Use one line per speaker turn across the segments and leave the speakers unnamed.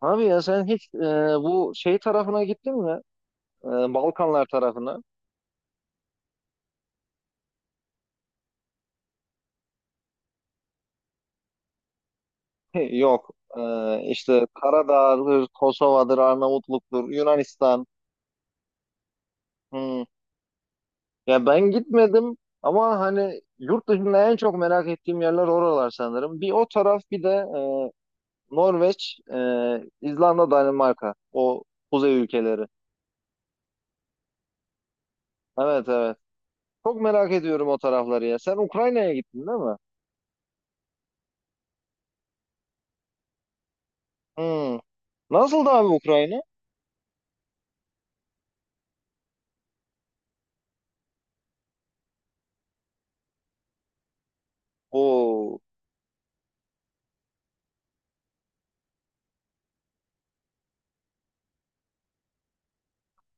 Abi ya sen hiç bu şey tarafına gittin mi? E, Balkanlar tarafına. Yok. E, işte Karadağ'dır, Kosova'dır, Arnavutluk'tur, Yunanistan. Hmm. Ya ben gitmedim ama hani yurt dışında en çok merak ettiğim yerler oralar sanırım. Bir o taraf bir de Norveç, İzlanda, Danimarka. O kuzey ülkeleri. Evet, evet. Çok merak ediyorum o tarafları ya. Sen Ukrayna'ya gittin değil mi? Hmm. Nasıldı abi Ukrayna? Oo.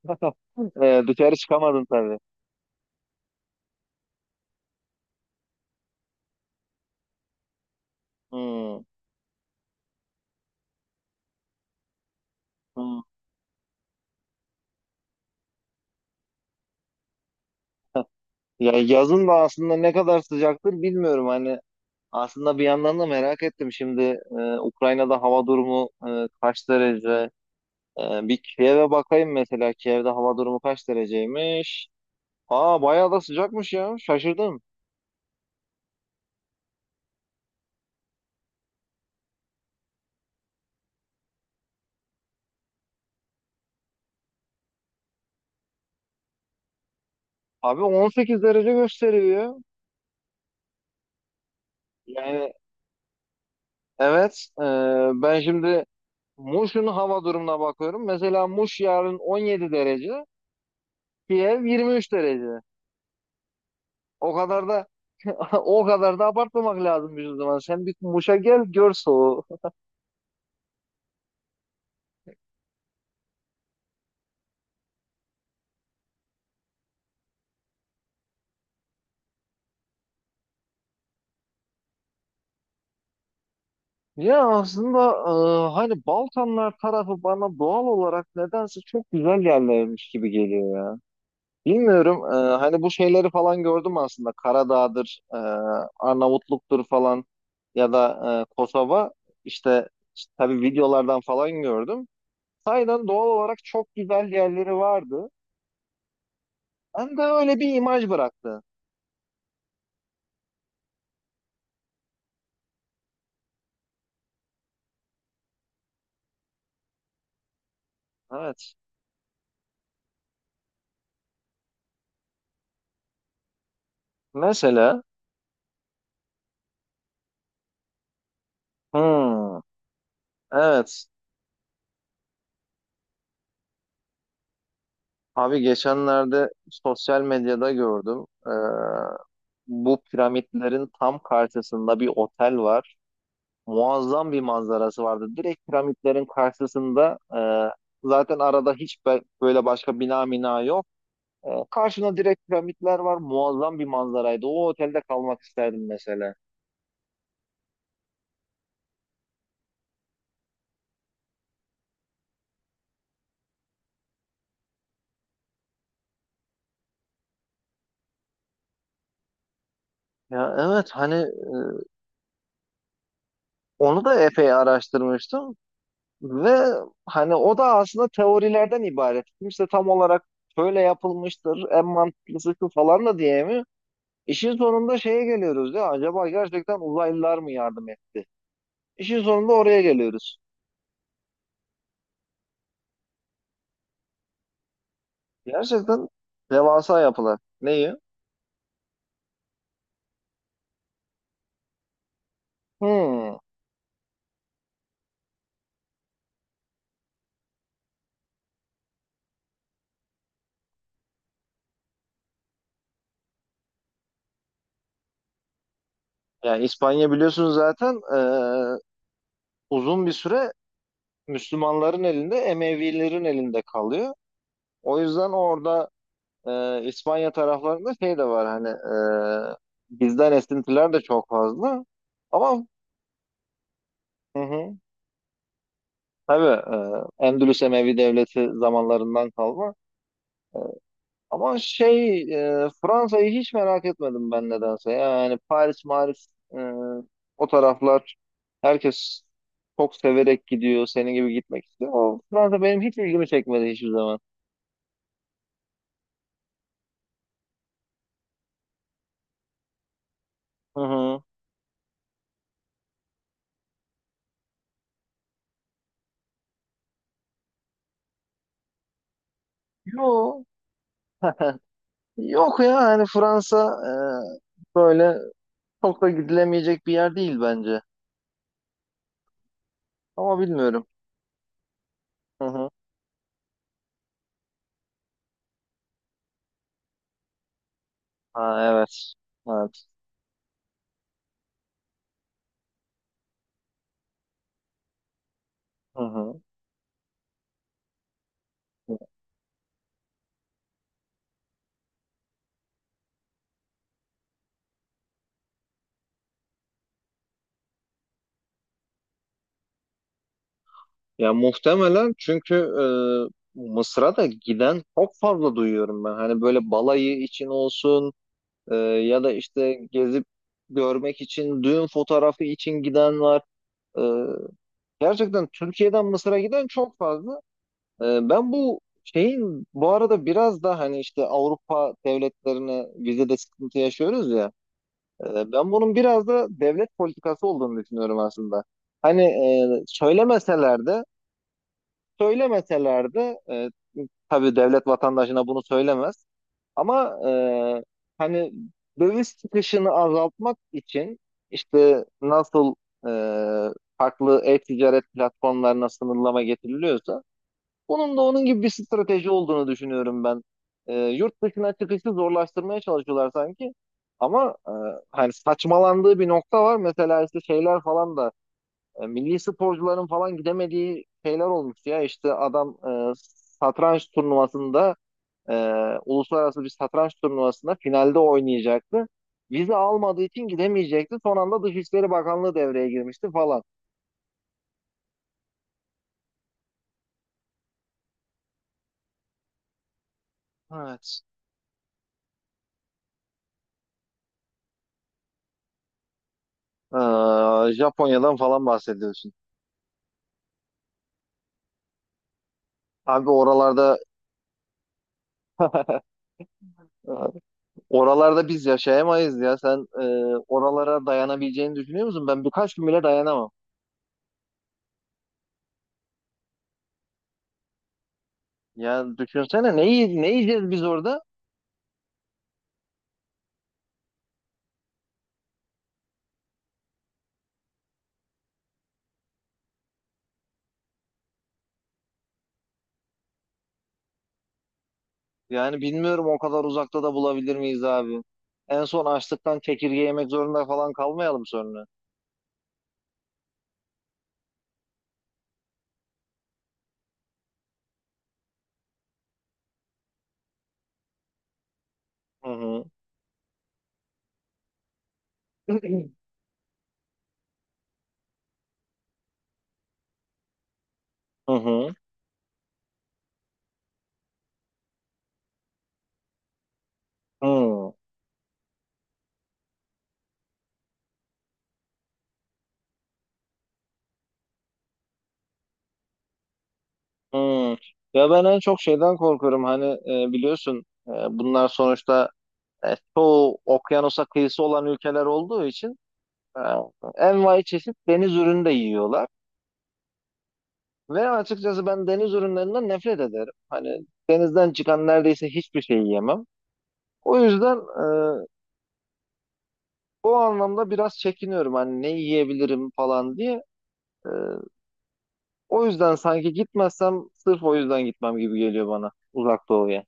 Dışarı çıkamadın tabii. Hmm, hmm. Ya yazın da aslında ne kadar sıcaktır bilmiyorum. Hani aslında bir yandan da merak ettim. Şimdi Ukrayna'da hava durumu kaç derece? Bir Kiev'e bakayım mesela. Kiev'de hava durumu kaç dereceymiş? Aa bayağı da sıcakmış ya. Şaşırdım. Abi 18 derece gösteriyor. Yani evet. Ben şimdi Muş'un hava durumuna bakıyorum. Mesela Muş yarın 17 derece. Kiev 23 derece. O kadar da o kadar da abartmamak lazım bir zaman. Sen bir Muş'a gel gör soğuğu. Ya aslında hani Balkanlar tarafı bana doğal olarak nedense çok güzel yerlermiş gibi geliyor ya. Bilmiyorum hani bu şeyleri falan gördüm aslında. Karadağ'dır, Arnavutluk'tur falan ya da Kosova. İşte işte tabii videolardan falan gördüm. Sahiden doğal olarak çok güzel yerleri vardı. Ben de öyle bir imaj bıraktı. Evet. Mesela. Hmm, evet. Abi geçenlerde sosyal medyada gördüm. Bu piramitlerin tam karşısında bir otel var. Muazzam bir manzarası vardı. Direkt piramitlerin karşısında zaten arada hiç böyle başka bina mina yok. Karşına direkt piramitler var. Muazzam bir manzaraydı. O otelde kalmak isterdim mesela. Ya evet hani onu da epey araştırmıştım. Ve hani o da aslında teorilerden ibaret. Kimse tam olarak şöyle yapılmıştır, en mantıklısı şu falan da diyemiyor. İşin sonunda şeye geliyoruz ya, acaba gerçekten uzaylılar mı yardım etti? İşin sonunda oraya geliyoruz. Gerçekten devasa yapılar. Neyi? Hmm. Yani İspanya biliyorsunuz zaten uzun bir süre Müslümanların elinde, Emevilerin elinde kalıyor. O yüzden orada İspanya taraflarında şey de var hani, e, bizden esintiler de çok fazla. Ama hı hı, tabii Endülüs Emevi Devleti zamanlarından kalma. Ama şey, Fransa'yı hiç merak etmedim ben nedense. Yani Paris, Maris, e, o taraflar herkes çok severek gidiyor. Senin gibi gitmek istiyor. O Fransa benim hiç ilgimi çekmedi hiçbir zaman. Hı hı. Yok. Yok ya hani Fransa böyle çok da gidilemeyecek bir yer değil bence. Ama bilmiyorum. Hı hı. Ha, evet. Evet. Hı hı. Ya muhtemelen çünkü Mısır'a da giden çok fazla duyuyorum ben. Hani böyle balayı için olsun, ya da işte gezip görmek için, düğün fotoğrafı için giden var. E, Gerçekten Türkiye'den Mısır'a giden çok fazla. E, ben bu şeyin bu arada biraz da hani işte Avrupa devletlerine vizede sıkıntı yaşıyoruz ya. Ben bunun biraz da devlet politikası olduğunu düşünüyorum aslında. Hani e, söylemeseler de, söylemeseler de tabii devlet vatandaşına bunu söylemez. Ama hani döviz çıkışını azaltmak için işte nasıl e, farklı e-ticaret platformlarına sınırlama getiriliyorsa bunun da onun gibi bir strateji olduğunu düşünüyorum ben. Yurt dışına çıkışı zorlaştırmaya çalışıyorlar sanki. Ama hani saçmalandığı bir nokta var. Mesela işte şeyler falan da milli sporcuların falan gidemediği şeyler olmuş ya. İşte adam e, satranç turnuvasında, e, uluslararası bir satranç turnuvasında finalde oynayacaktı. Vize almadığı için gidemeyecekti. Son anda Dışişleri Bakanlığı devreye girmişti falan. Evet. Japonya'dan falan bahsediyorsun. Abi oralarda oralarda biz yaşayamayız ya. Sen oralara dayanabileceğini düşünüyor musun? Ben birkaç gün bile dayanamam. Yani düşünsene ne, ne yiyeceğiz biz orada? Yani bilmiyorum o kadar uzakta da bulabilir miyiz abi? En son açlıktan çekirge yemek zorunda falan kalmayalım sonra. Hı hı. Hı hı. Hı hı. Ya ben en çok şeyden korkuyorum. Hani biliyorsun bunlar sonuçta çoğu okyanusa kıyısı olan ülkeler olduğu için. Ha, envai çeşit deniz ürünü de yiyorlar. Ve açıkçası ben deniz ürünlerinden nefret ederim. Hani denizden çıkan neredeyse hiçbir şey yiyemem. O yüzden o anlamda biraz çekiniyorum hani ne yiyebilirim falan diye. E, O yüzden sanki gitmezsem sırf o yüzden gitmem gibi geliyor bana Uzak Doğu'ya.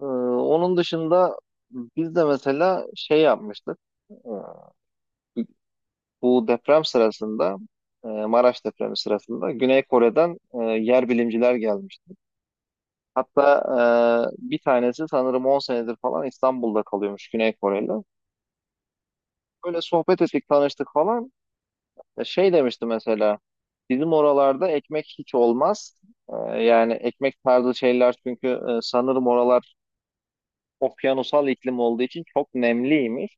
Onun dışında biz de mesela şey yapmıştık. E, Bu deprem sırasında, Maraş depremi sırasında Güney Kore'den yer bilimciler gelmişti. Hatta bir tanesi sanırım 10 senedir falan İstanbul'da kalıyormuş Güney Koreli. Böyle sohbet ettik, tanıştık falan. Ya şey demişti mesela, bizim oralarda ekmek hiç olmaz. E, Yani ekmek tarzı şeyler çünkü sanırım oralar okyanusal iklim olduğu için çok nemliymiş.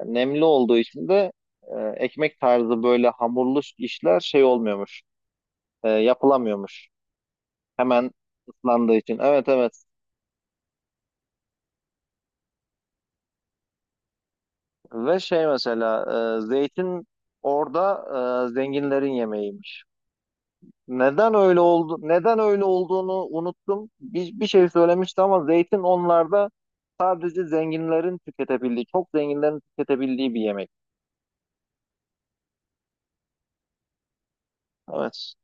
Yani nemli olduğu için de e, ekmek tarzı böyle hamurlu işler şey olmuyormuş, yapılamıyormuş. Hemen ıslandığı için. Evet, evet. Ve şey mesela, zeytin orada zenginlerin yemeğiymiş. Neden öyle oldu? Neden öyle olduğunu unuttum. Bir şey söylemişti ama zeytin onlarda sadece zenginlerin tüketebildiği, çok zenginlerin tüketebildiği bir yemek. Evet.